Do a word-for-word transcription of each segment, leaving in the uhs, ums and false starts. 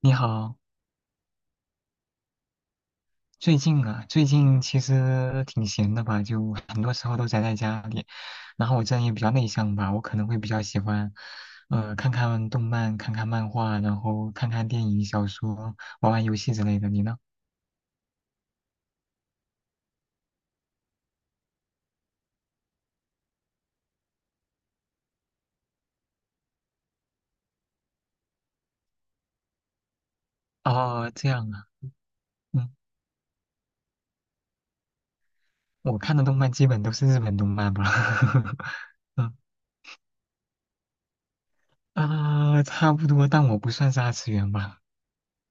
你好。最近啊，最近其实挺闲的吧，就很多时候都宅在家里。然后我这人也比较内向吧，我可能会比较喜欢，呃，看看动漫，看看漫画，然后看看电影、小说，玩玩游戏之类的。你呢？哦，这样啊。嗯，我看的动漫基本都是日本动漫吧。嗯，啊，差不多，但我不算是二次元吧。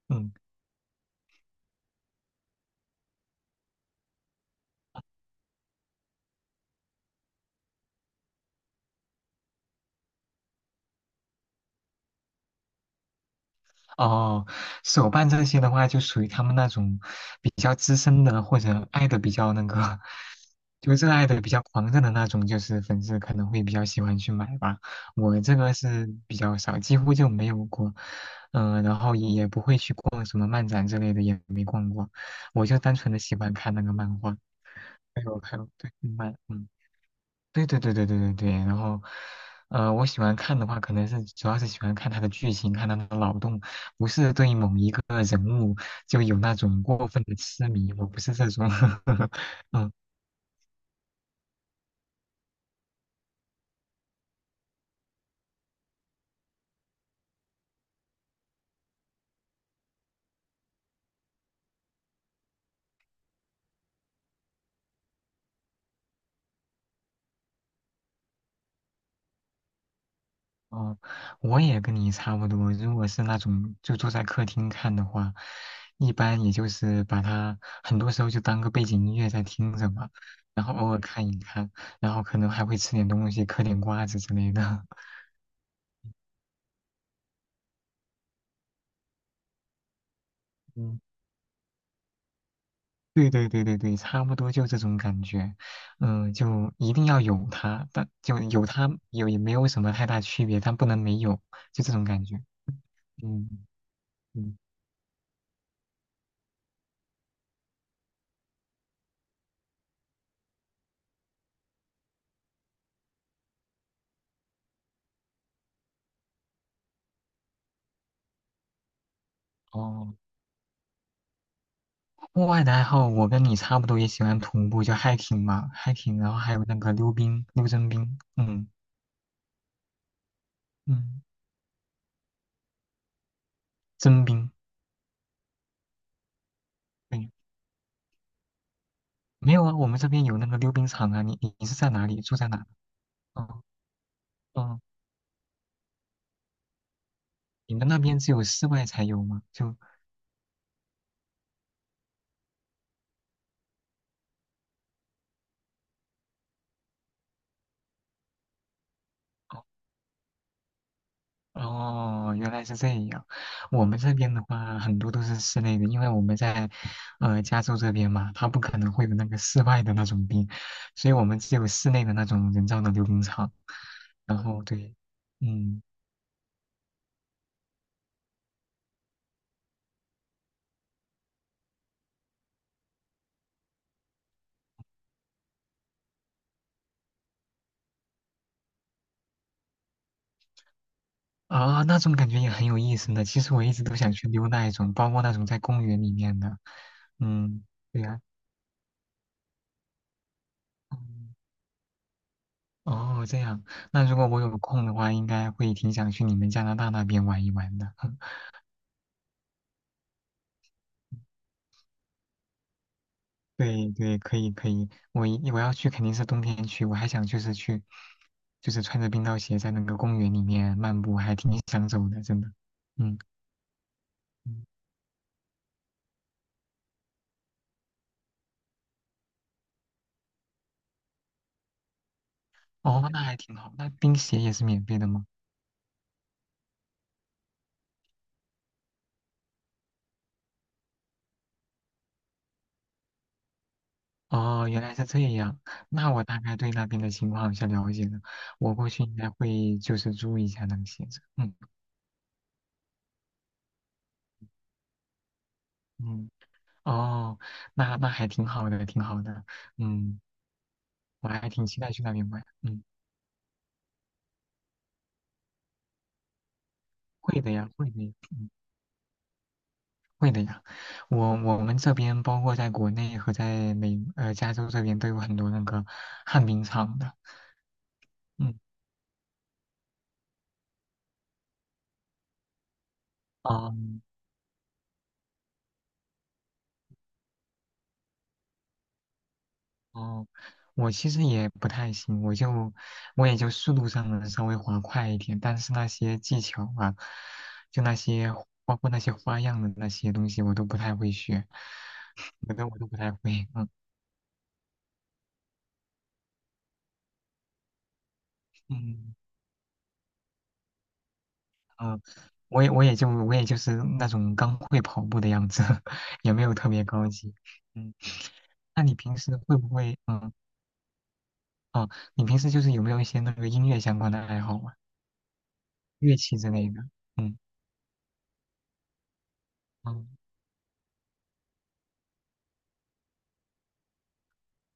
嗯。哦，手办这些的话，就属于他们那种比较资深的，或者爱的比较那个，就热爱的比较狂热的那种，就是粉丝可能会比较喜欢去买吧。我这个是比较少，几乎就没有过，呃，没逛过。我就单纯的喜欢看那个漫画，没有看，对，漫，嗯。对对对对对对对，然后，呃，我喜欢看的话，可能是主要是喜欢看他的剧情，看他的脑洞，不是对某一个人物就有那种过分的痴迷，我不是这种。嗯。哦，我也跟你差不多，如果是那种就坐在客厅看的话，一般也就是把它很多时候就当个背景音乐在听着嘛，然后偶尔看一看，然后可能还会吃点东西，嗑点瓜子之类的。嗯。对对对对对，差不多就这种感觉。嗯，就一定要有它，但就有它有也没有什么太大区别，但不能没有，就这种感觉。嗯嗯。哦，户外的爱好我跟你差不多，也喜欢徒步，就 hiking 嘛，hiking，然后还有那个溜冰、溜真冰。嗯嗯，真冰，对。没有啊，我们这边有那个溜冰场啊，你你你是在哪里？住在哪？哦。哦，你们那边只有室外才有吗？就。哦，原来是这样。我们这边的话，很多都是室内的，因为我们在呃加州这边嘛，它不可能会有那个室外的那种冰，所以我们只有室内的那种人造的溜冰场。然后对。嗯。啊，那种感觉也很有意思呢。其实我一直都想去溜那一种，包括那种在公园里面的。嗯，对呀、嗯。哦，这样。那如果我有空的话，应该会挺想去你们加拿大那边玩一玩的。对对，可以可以，我一我要去肯定是冬天去，我还想就是去，就是穿着冰刀鞋在那个公园里面漫步，还挺想走的，真的。嗯。嗯。哦，那还挺好。那冰鞋也是免费的吗？哦，原来是这样。那我大概对那边的情况有些了解了，我过去应该会就是注意一下那个鞋子。嗯。嗯，哦，那那还挺好的，挺好的。嗯，我还挺期待去那边玩。嗯，会的呀，会的呀。嗯，会的呀，我我们这边包括在国内和在美呃加州这边都有很多那个旱冰场的。嗯。哦。哦，我其实也不太行，我就我也就速度上能稍微滑快一点，但是那些技巧啊，就那些包括那些花样的那些东西，我都不太会学。我都我都不太会。嗯嗯。嗯，我也我也就我也就是那种刚会跑步的样子。也没有特别高级。嗯，那你平时会不会嗯哦，你平时就是有没有一些那个音乐相关的爱好啊？乐器之类的？嗯。嗯。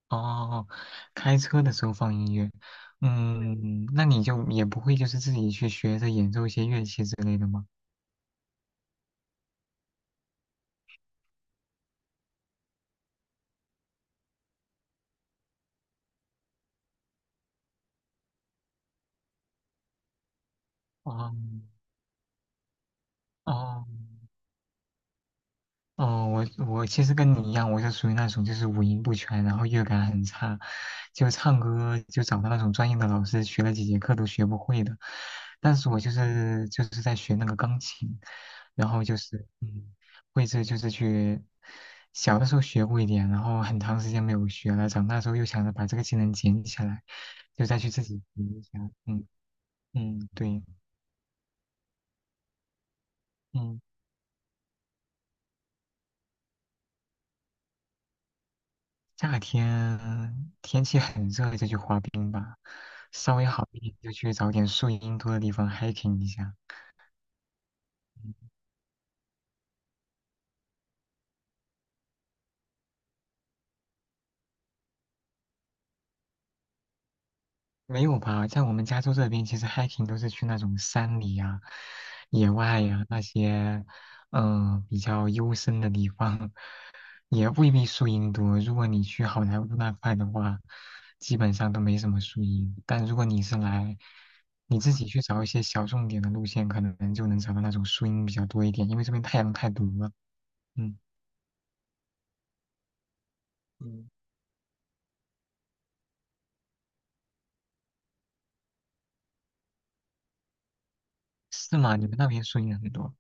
哦，开车的时候放音乐。嗯，那你就也不会就是自己去学着演奏一些乐器之类的吗？哦。哦。哦，我我其实跟你一样，我是属于那种就是五音不全，然后乐感很差，就唱歌就找到那种专业的老师学了几节课都学不会的。但是我就是就是在学那个钢琴，然后就是嗯，会是就是去小的时候学过一点，然后很长时间没有学了，长大之后又想着把这个技能捡起来，就再去自己学一下。嗯嗯，对。嗯。夏天天气很热就去滑冰吧，稍微好一点就去找点树荫多的地方 hiking 一下。没有吧，在我们加州这边，其实 hiking 都是去那种山里呀、野外呀、那些，嗯、比较幽深的地方，也未必树荫多。如果你去好莱坞那块的话，基本上都没什么树荫。但如果你是来，你自己去找一些小众点的路线，可能就能找到那种树荫比较多一点，因为这边太阳太毒了。嗯。嗯，是吗？你们那边树荫很多。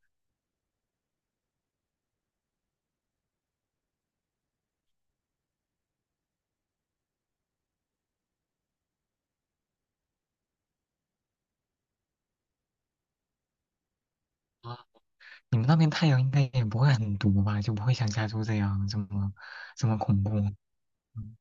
啊，你们那边太阳应该也不会很毒吧？就不会像加州这样这么这么恐怖。嗯，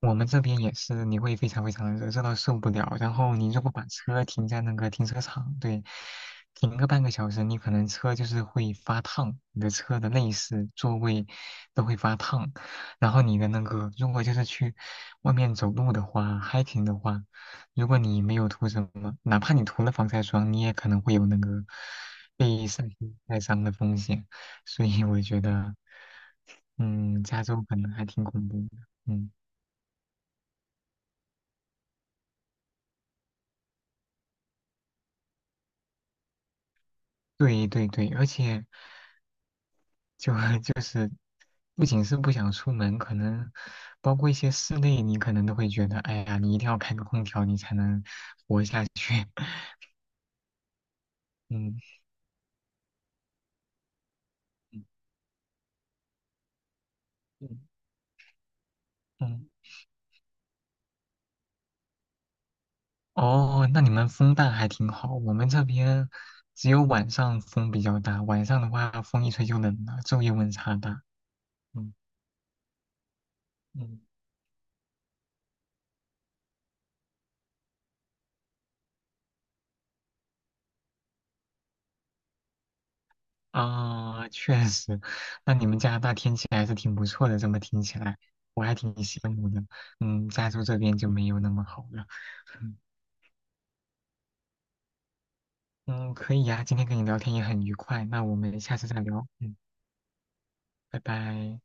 我们这边也是，你会非常非常热，热到受不了。然后你如果把车停在那个停车场，对，停个半个小时，你可能车就是会发烫，你的车的内饰、座位都会发烫。然后你的那个，如果就是去外面走路的话，hiking 的话，如果你没有涂什么，哪怕你涂了防晒霜，你也可能会有那个被晒黑晒伤的风险。所以我觉得，嗯，加州可能还挺恐怖的。嗯。对对对，而且就 就是不仅是不想出门，可能包括一些室内，你可能都会觉得，哎呀，你一定要开个空调，你才能活下去。嗯嗯嗯。哦，那你们风大还挺好，我们这边只有晚上风比较大，晚上的话风一吹就冷了，昼夜温差大。嗯嗯。啊，确实，那你们加拿大天气还是挺不错的，这么听起来，我还挺羡慕的。嗯，加州这边就没有那么好了。嗯，可以呀，今天跟你聊天也很愉快，那我们下次再聊。嗯，拜拜。